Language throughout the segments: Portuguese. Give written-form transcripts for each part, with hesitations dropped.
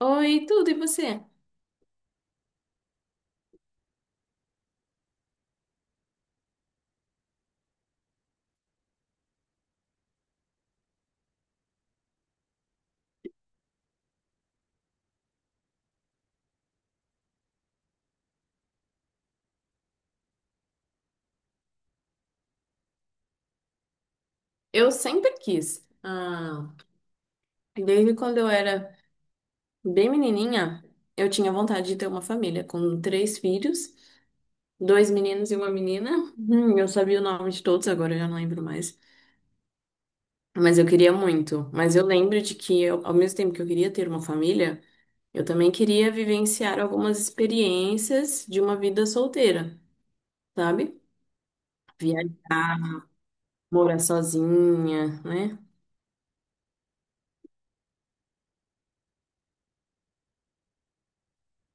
Oi, tudo, e você? Eu sempre quis. Ah, desde quando eu era bem menininha, eu tinha vontade de ter uma família com três filhos, dois meninos e uma menina. Eu sabia o nome de todos, agora eu já não lembro mais. Mas eu queria muito. Mas eu lembro de que, ao mesmo tempo que eu queria ter uma família, eu também queria vivenciar algumas experiências de uma vida solteira, sabe? Viajar, morar sozinha, né?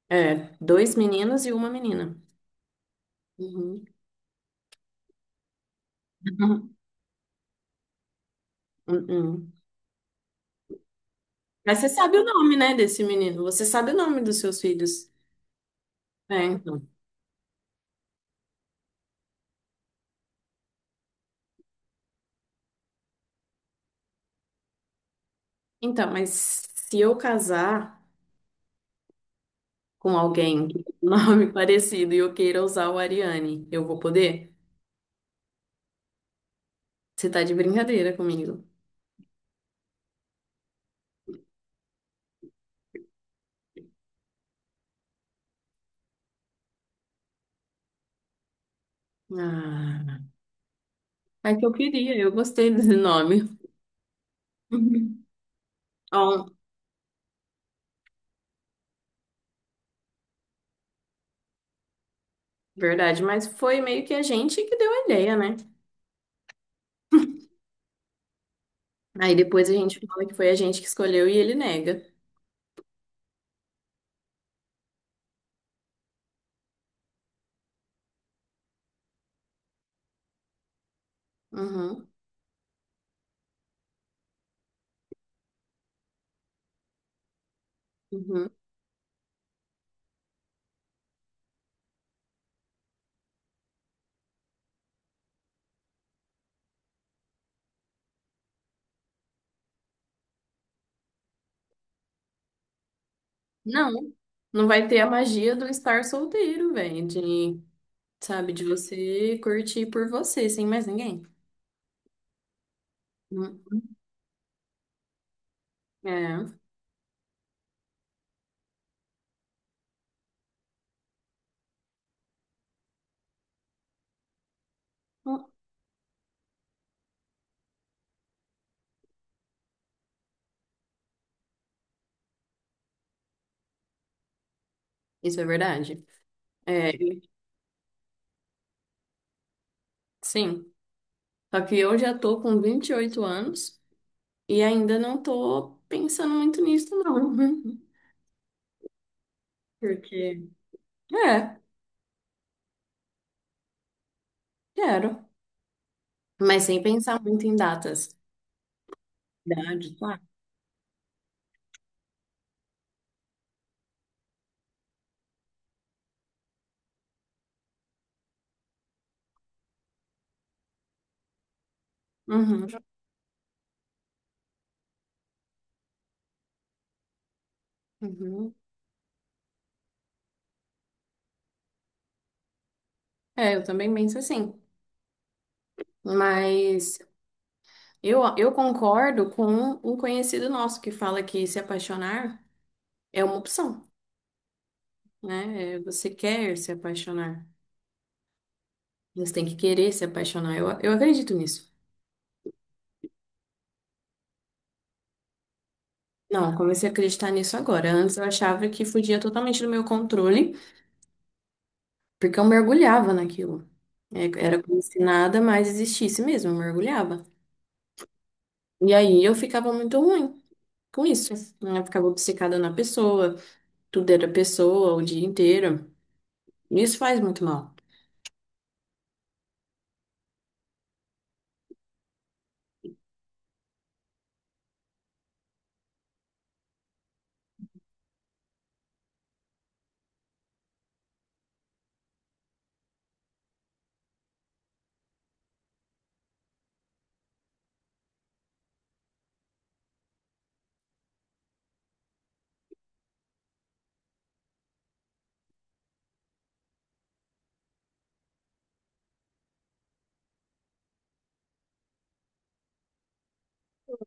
É, dois meninos e uma menina. Uhum. Uhum. Uhum. Mas você sabe o nome, né, desse menino? Você sabe o nome dos seus filhos? É, então. Então, mas se eu casar com alguém que tem um nome parecido e eu queira usar o Ariane, eu vou poder? Você tá de brincadeira comigo. Ah, é que eu gostei desse nome. Uhum. Ó, verdade, mas foi meio que a gente que deu a ideia, né? Aí depois a gente fala que foi a gente que escolheu e ele nega. Uhum. Uhum. Não, não vai ter a magia do estar solteiro, velho, de, sabe, de você curtir por você, sem mais ninguém. Hum, É, hum, isso é verdade. É, sim. Só que eu já tô com 28 anos e ainda não tô pensando muito nisso, não. Porque, é, quero. Mas sem pensar muito em datas. Idade, claro. Uhum, uhum. É, eu também penso assim. Mas eu concordo com um conhecido nosso que fala que se apaixonar é uma opção, né? É, você quer se apaixonar. Você tem que querer se apaixonar. Eu acredito nisso. Não, eu comecei a acreditar nisso agora. Antes eu achava que fugia totalmente do meu controle, porque eu mergulhava naquilo. É, era como se nada mais existisse mesmo, eu mergulhava. E aí eu ficava muito ruim com isso, né? Eu ficava obcecada na pessoa, tudo era pessoa o dia inteiro. Isso faz muito mal.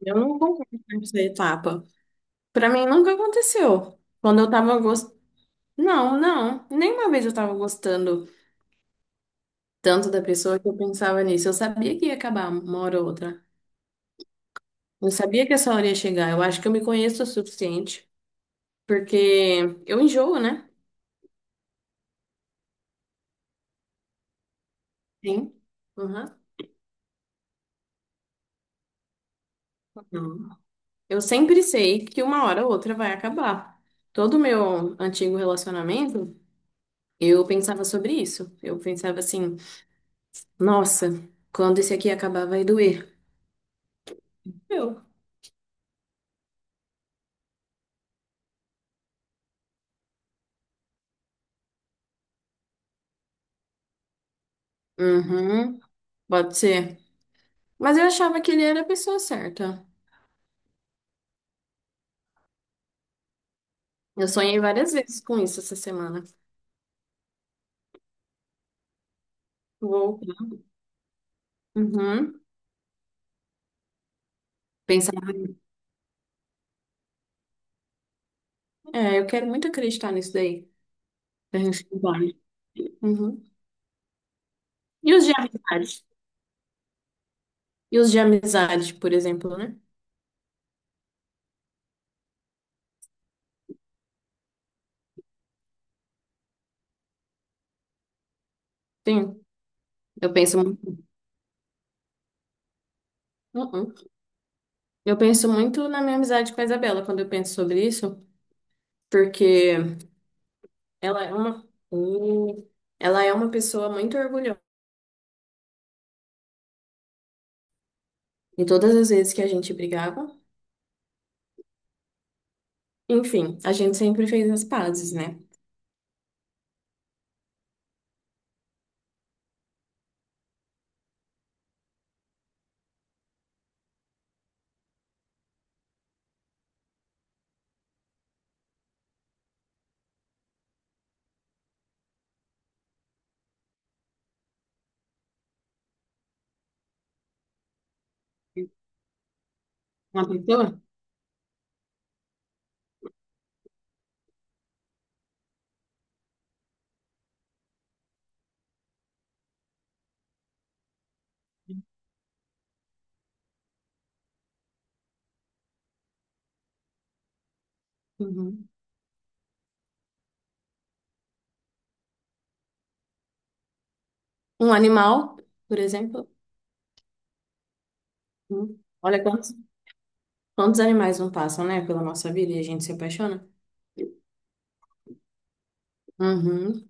Eu não concordo com essa etapa. Pra mim nunca aconteceu. Quando eu tava gostando. Não, não. Nenhuma vez eu tava gostando tanto da pessoa que eu pensava nisso. Eu sabia que ia acabar uma hora ou outra. Eu sabia que essa hora ia chegar. Eu acho que eu me conheço o suficiente porque eu enjoo, né? Sim. Uhum. Não. Eu sempre sei que uma hora ou outra vai acabar. Todo o meu antigo relacionamento, eu pensava sobre isso. Eu pensava assim, nossa, quando esse aqui acabar vai doer. Eu. Uhum, pode ser. Mas eu achava que ele era a pessoa certa. Eu sonhei várias vezes com isso essa semana. Vou. Uhum. Pensar, eu quero muito acreditar nisso daí. Da gente que vai. Uhum. E os de amizade? E os de amizade, por exemplo, né? Sim, eu penso. Uh-uh. Eu penso muito na minha amizade com a Isabela quando eu penso sobre isso, porque ela é uma, Uh, ela é uma pessoa muito orgulhosa. E todas as vezes que a gente brigava, enfim, a gente sempre fez as pazes, né? Uma pessoa? Uhum. Um animal, por exemplo. Uhum. Olha quantos animais não passam, né, pela nossa vida e a gente se apaixona. Uhum.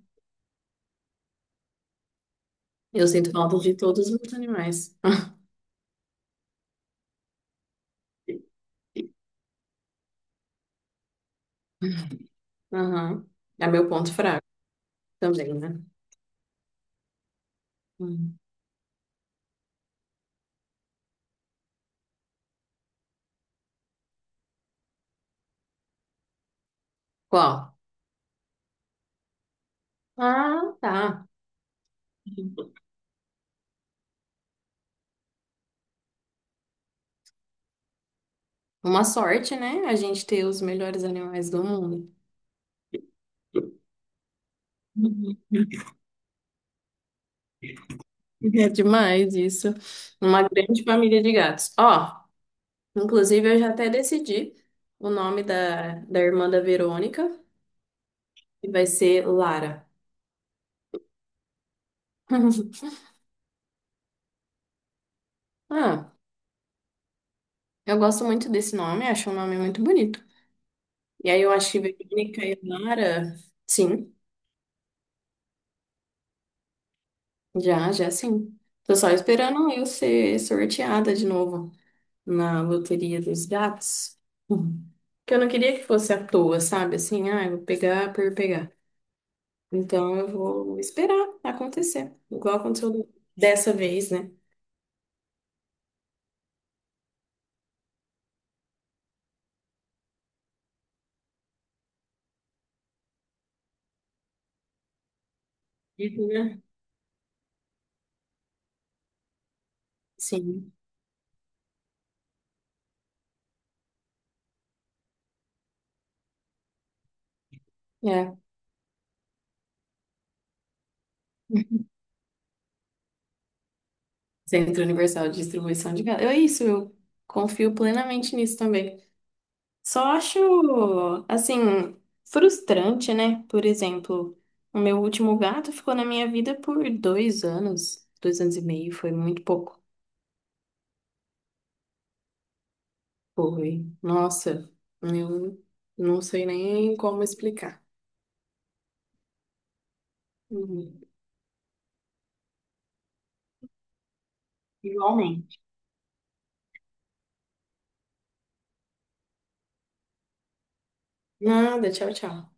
Eu sinto falta de todos os animais. Aham. É meu ponto fraco também, né? Hum. Qual? Ah, tá. Uma sorte, né? A gente ter os melhores animais do mundo. Uhum. É demais isso. Uma grande família de gatos. Ó, inclusive eu já até decidi o nome da irmã da Verônica, que vai ser Lara. Ah, eu gosto muito desse nome, acho um nome muito bonito. E aí eu acho que Verônica e Lara, sim. Já, já sim. Tô só esperando eu ser sorteada de novo na loteria dos gatos. Uhum. Porque eu não queria que fosse à toa, sabe? Assim, ah, eu vou pegar por pegar. Então eu vou esperar acontecer. Igual aconteceu dessa vez, né? Uhum, né? Sim, é. Centro Universal de Distribuição de Gado. É isso, eu confio plenamente nisso também. Só acho, assim, frustrante, né? Por exemplo, o meu último gato ficou na minha vida por 2 anos, 2 anos e meio, foi muito pouco. Foi. Nossa, eu não sei nem como explicar. Uhum. Igualmente. Nada, tchau, tchau.